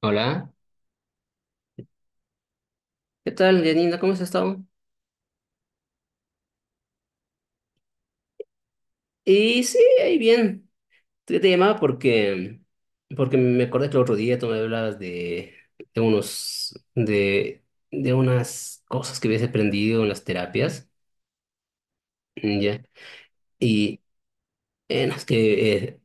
Hola, ¿qué tal, Janina? ¿Cómo has estado? Y sí, ahí bien. Te llamaba porque me acordé que el otro día tú me hablabas de unos, de, de unas cosas que habías aprendido en las terapias, ¿ya? Y no, es que,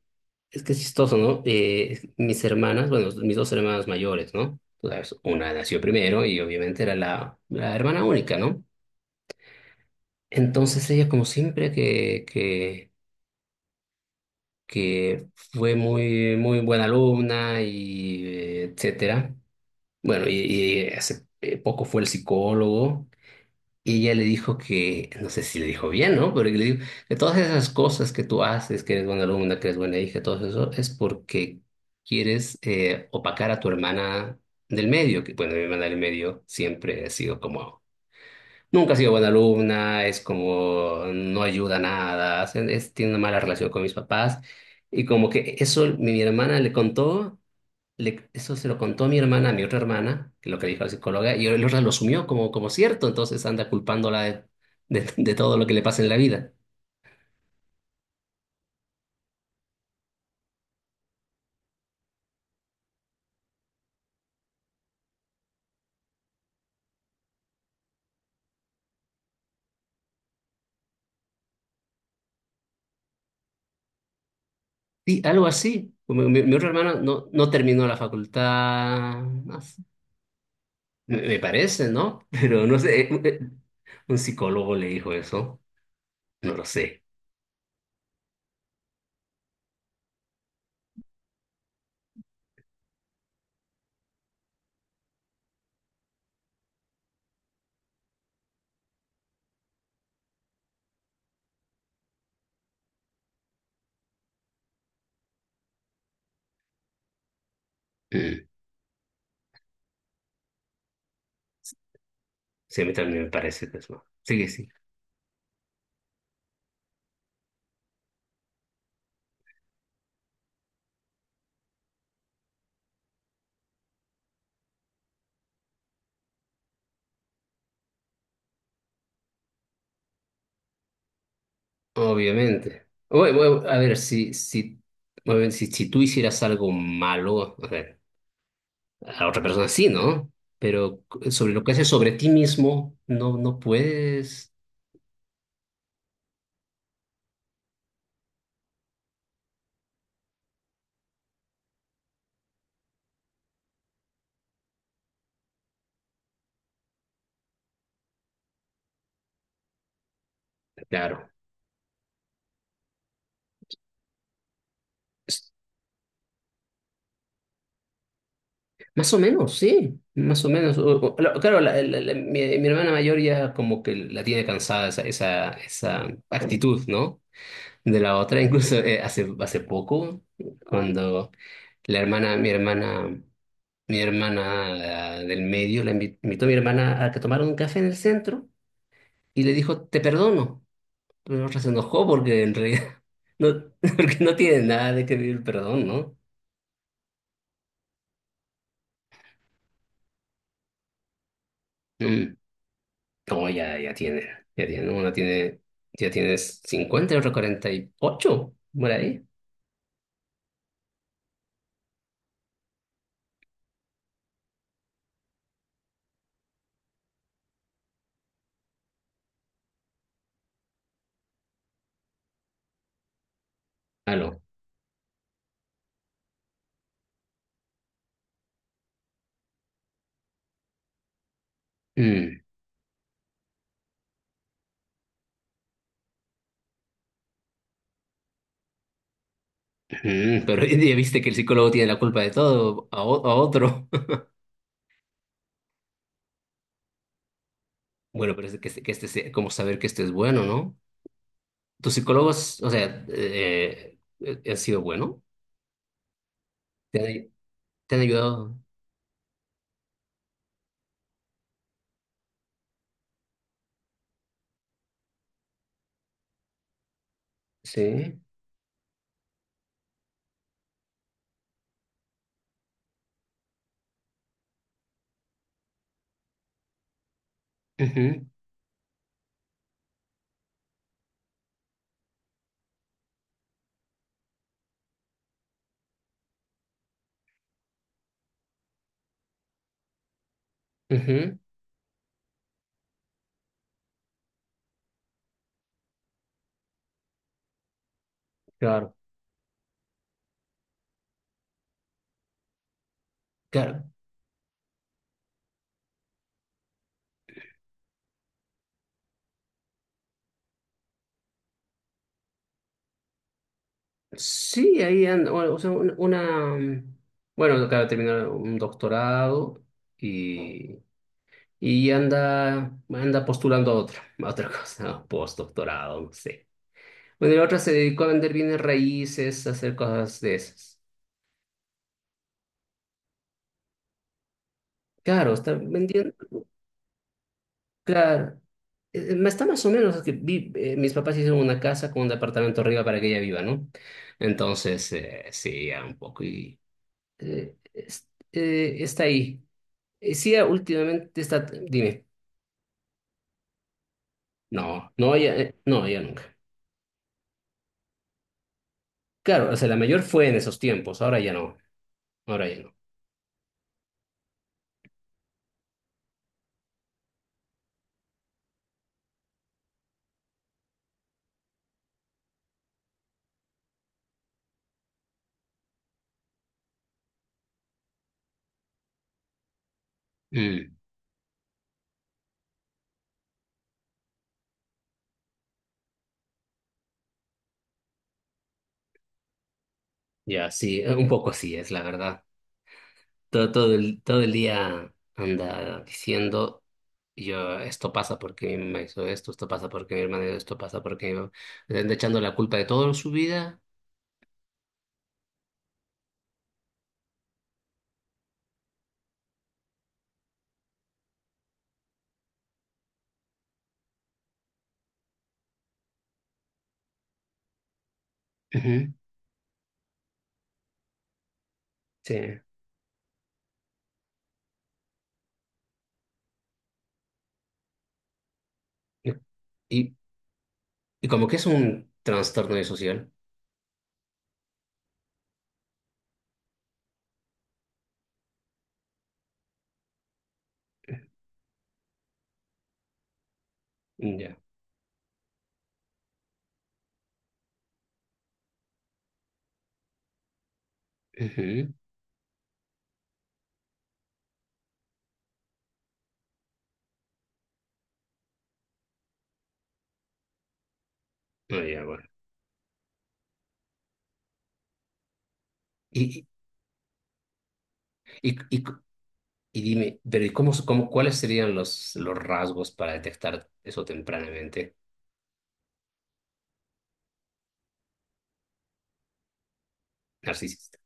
es que es chistoso, ¿no? Mis hermanas, bueno, mis dos hermanas mayores, ¿no? Tú sabes, una nació primero y obviamente era la hermana única, ¿no? Entonces ella, como siempre que, que fue muy, muy buena alumna y etcétera. Bueno, y hace poco fue el psicólogo y ella le dijo que, no sé si le dijo bien, ¿no? Pero le dijo que todas esas cosas que tú haces, que eres buena alumna, que eres buena hija, todo eso es porque quieres opacar a tu hermana del medio, que bueno, mi hermana del medio siempre ha sido como, nunca ha sido buena alumna, es como no ayuda a nada, tiene una mala relación con mis papás. Y como que eso mi hermana le contó, eso se lo contó mi hermana, a mi otra hermana, que lo que dijo la psicóloga, y la otra lo asumió como cierto, entonces anda culpándola de todo lo que le pasa en la vida. Sí, algo así. Mi otra hermana no terminó la facultad, no sé, me parece, ¿no? Pero no sé, un psicólogo le dijo eso. No lo sé. Mm. Sí, a mí también me parece que es más. Sí, que sí. Obviamente. Bueno, bueno, a ver, si, si, bueno, si tú hicieras algo malo, a ver, a otra persona sí, ¿no? Pero sobre lo que haces sobre ti mismo, no puedes. Claro. Es- Más o menos, sí. Más o menos. Claro, mi hermana mayor ya como que la tiene cansada esa actitud, ¿no? De la otra, incluso hace poco, cuando La hermana, mi hermana, mi hermana ah, del medio, la invitó a mi hermana a que tomaran un café en el centro y le dijo, te perdono. Pero la otra se enojó porque en realidad no, porque no tiene nada de que pedir el perdón, ¿no? Mm. No, ya, ya tiene, una tiene, ya tienes 50 y otra 48, por ahí. Aló. Mm, pero ya viste que el psicólogo tiene la culpa de todo, a otro. Bueno, pero es que, que este sea como saber que esto es bueno, ¿no? ¿Tus psicólogos, o sea, han sido bueno? ¿Te han, te han ayudado? Sí. Ujú, ujú. Claro, claro. Sí, ahí anda, o sea, bueno, acaba de terminar un doctorado, y, y anda postulando a otra cosa, postdoctorado, no sé. Bueno, y la otra se dedicó a vender bienes raíces, a hacer cosas de esas. Claro, está vendiendo. Claro. Está más o menos que mis papás hicieron una casa con un departamento arriba para que ella viva, ¿no? Entonces, sí, ya un poco y está ahí. Sí, ya últimamente está, dime, no, ya, no, ya nunca. Claro, o sea, la mayor fue en esos tiempos, ahora ya no, ahora ya no. Mm, ya, sí, un poco así es, la verdad. Todo el día anda diciendo, y yo, esto pasa porque mi mamá hizo esto, esto pasa porque mi hermana hizo esto, pasa porque mi mamá... Le anda echando la culpa de todo en su vida. Ujú. Sí. Y, y como que es un trastorno social. Mm, ya. Ujú. Ah, ya, bueno. Y, y, y, y- y dime, pero ¿y cuáles serían los rasgos para detectar eso tempranamente? Narcisista.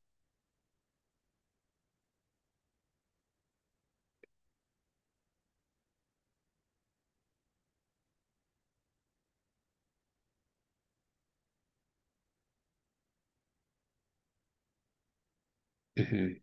Ujú,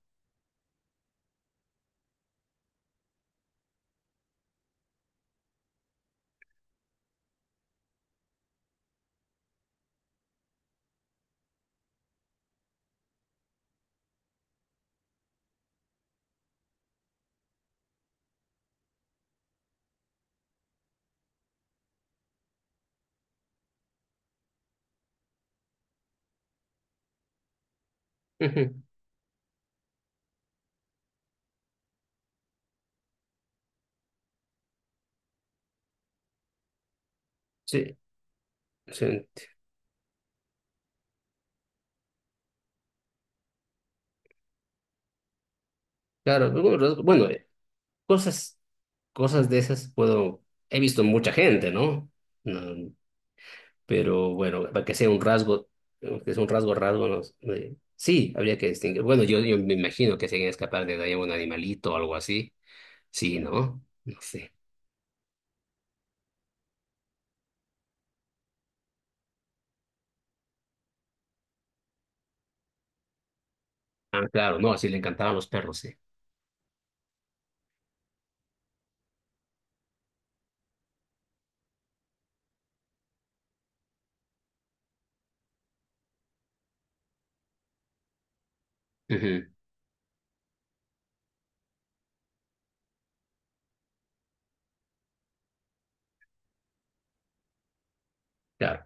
ujú. Sí, sí, claro. Bueno, cosas, cosas de esas puedo... He visto mucha gente, ¿no? No, pero bueno, para que sea un rasgo, que sea un rasgo, rasgo, no sé, sí, habría que distinguir. Bueno, yo me imagino que se quieren escapar de ahí un animalito o algo así. Sí, ¿no? No sé. Ah, claro, no, así le encantaban los perros, sí. Ujú. Claro,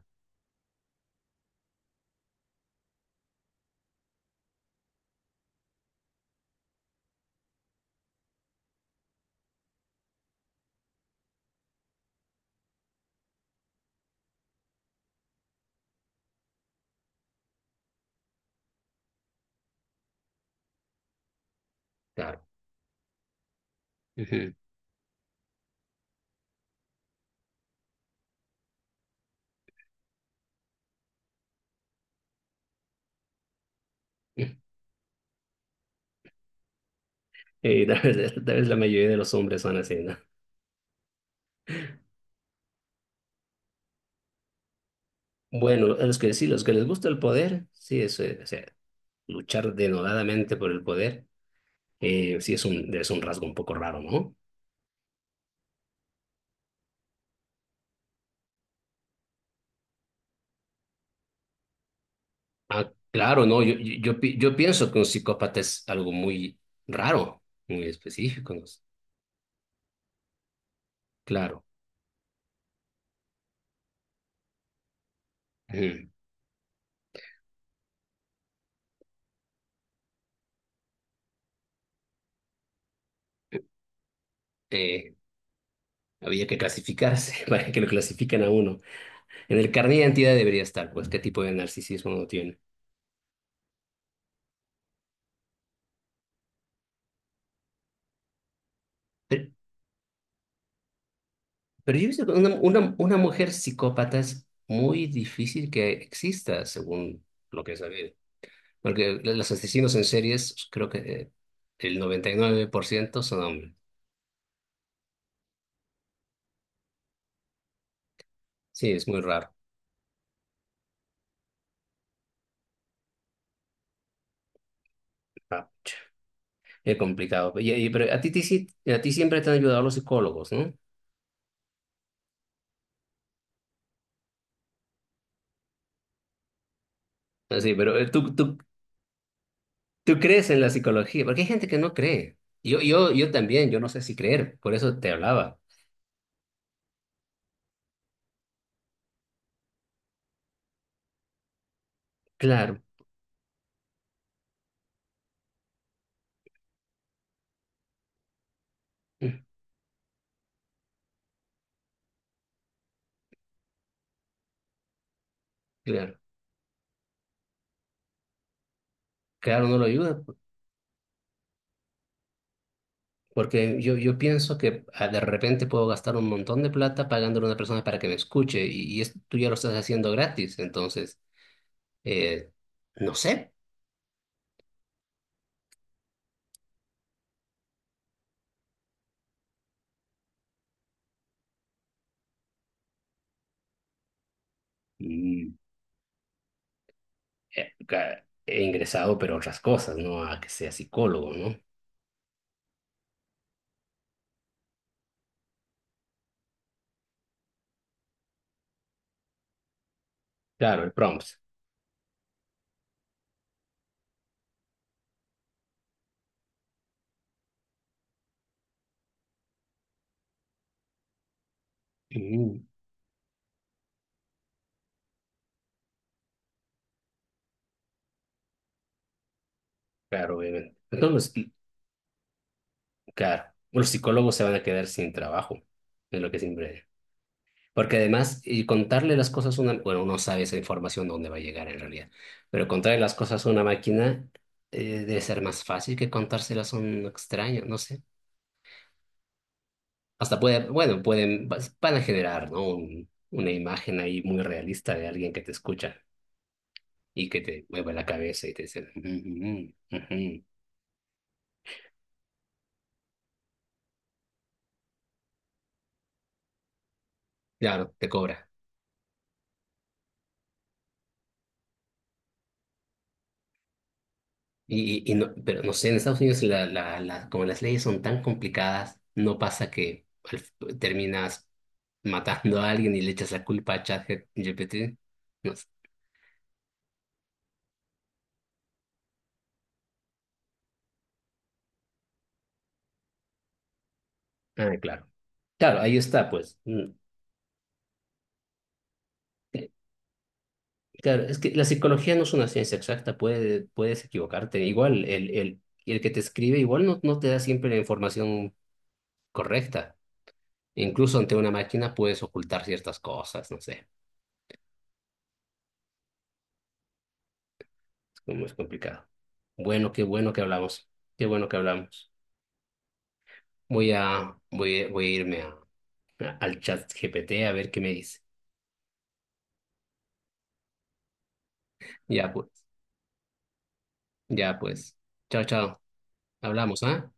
claro. Ujú. Y tal vez la mayoría de los hombres son así, ¿no? Bueno, a los que sí, los que les gusta el poder, sí, eso es, o sea, luchar denodadamente por el poder, sí es un rasgo un poco raro, ¿no? Ah, claro, no, yo pienso que un psicópata es algo muy raro, muy específico, ¿no? Claro. Ujú. Eh, había que clasificarse para que lo clasifiquen a uno. En el carnet de identidad debería estar, pues, qué tipo de narcisismo uno tiene. Pero, pero yo he visto que una mujer psicópata es muy difícil que exista, según lo que he sabido. Porque los asesinos en series, creo que el 99% son hombres. Sí, es muy raro. Ah. Qué complicado. Pero a ti siempre te han ayudado los psicólogos, ¿no? Así, pero tú crees en la psicología, porque hay gente que no cree. Yo también, yo no sé si creer, por eso te hablaba. Claro, mm, claro, claro, no lo ayuda, porque yo pienso que de repente puedo gastar un montón de plata pagándole a una persona para que me escuche, y tú ya lo estás haciendo gratis, entonces, eh, no sé. Mm, He ingresado, pero a otras cosas, no a que sea psicólogo, ¿no? Claro, el prompt. Mm, claro, obviamente. Entonces, claro, los psicólogos se van a quedar sin trabajo, es lo que siempre. Porque además, y contarle las cosas a una, bueno, uno sabe esa información dónde va a llegar en realidad, pero contarle las cosas a una máquina debe ser más fácil que contárselas a un extraño, no sé. Hasta puede, bueno, van a generar, ¿no? Una imagen ahí muy realista de alguien que te escucha y que te mueve la cabeza y te dice, "Mm, mm, mm, ujú". Claro, te cobra. Pero no sé, en Estados Unidos la, como las leyes son tan complicadas, no pasa que terminas matando a alguien y le echas la culpa a ChatGPT. No sé. Ah, claro. Claro, ahí está, pues. Claro, es que la psicología no es una ciencia exacta, puedes equivocarte. Igual, el que te escribe igual no te da siempre la información correcta. Incluso ante una máquina puedes ocultar ciertas cosas, no sé, es como es complicado. Bueno, qué bueno que hablamos, qué bueno que hablamos. Voy a irme al chat GPT a ver qué me dice. Ya pues, ya pues. Chao, chao. Hablamos, ¿ah?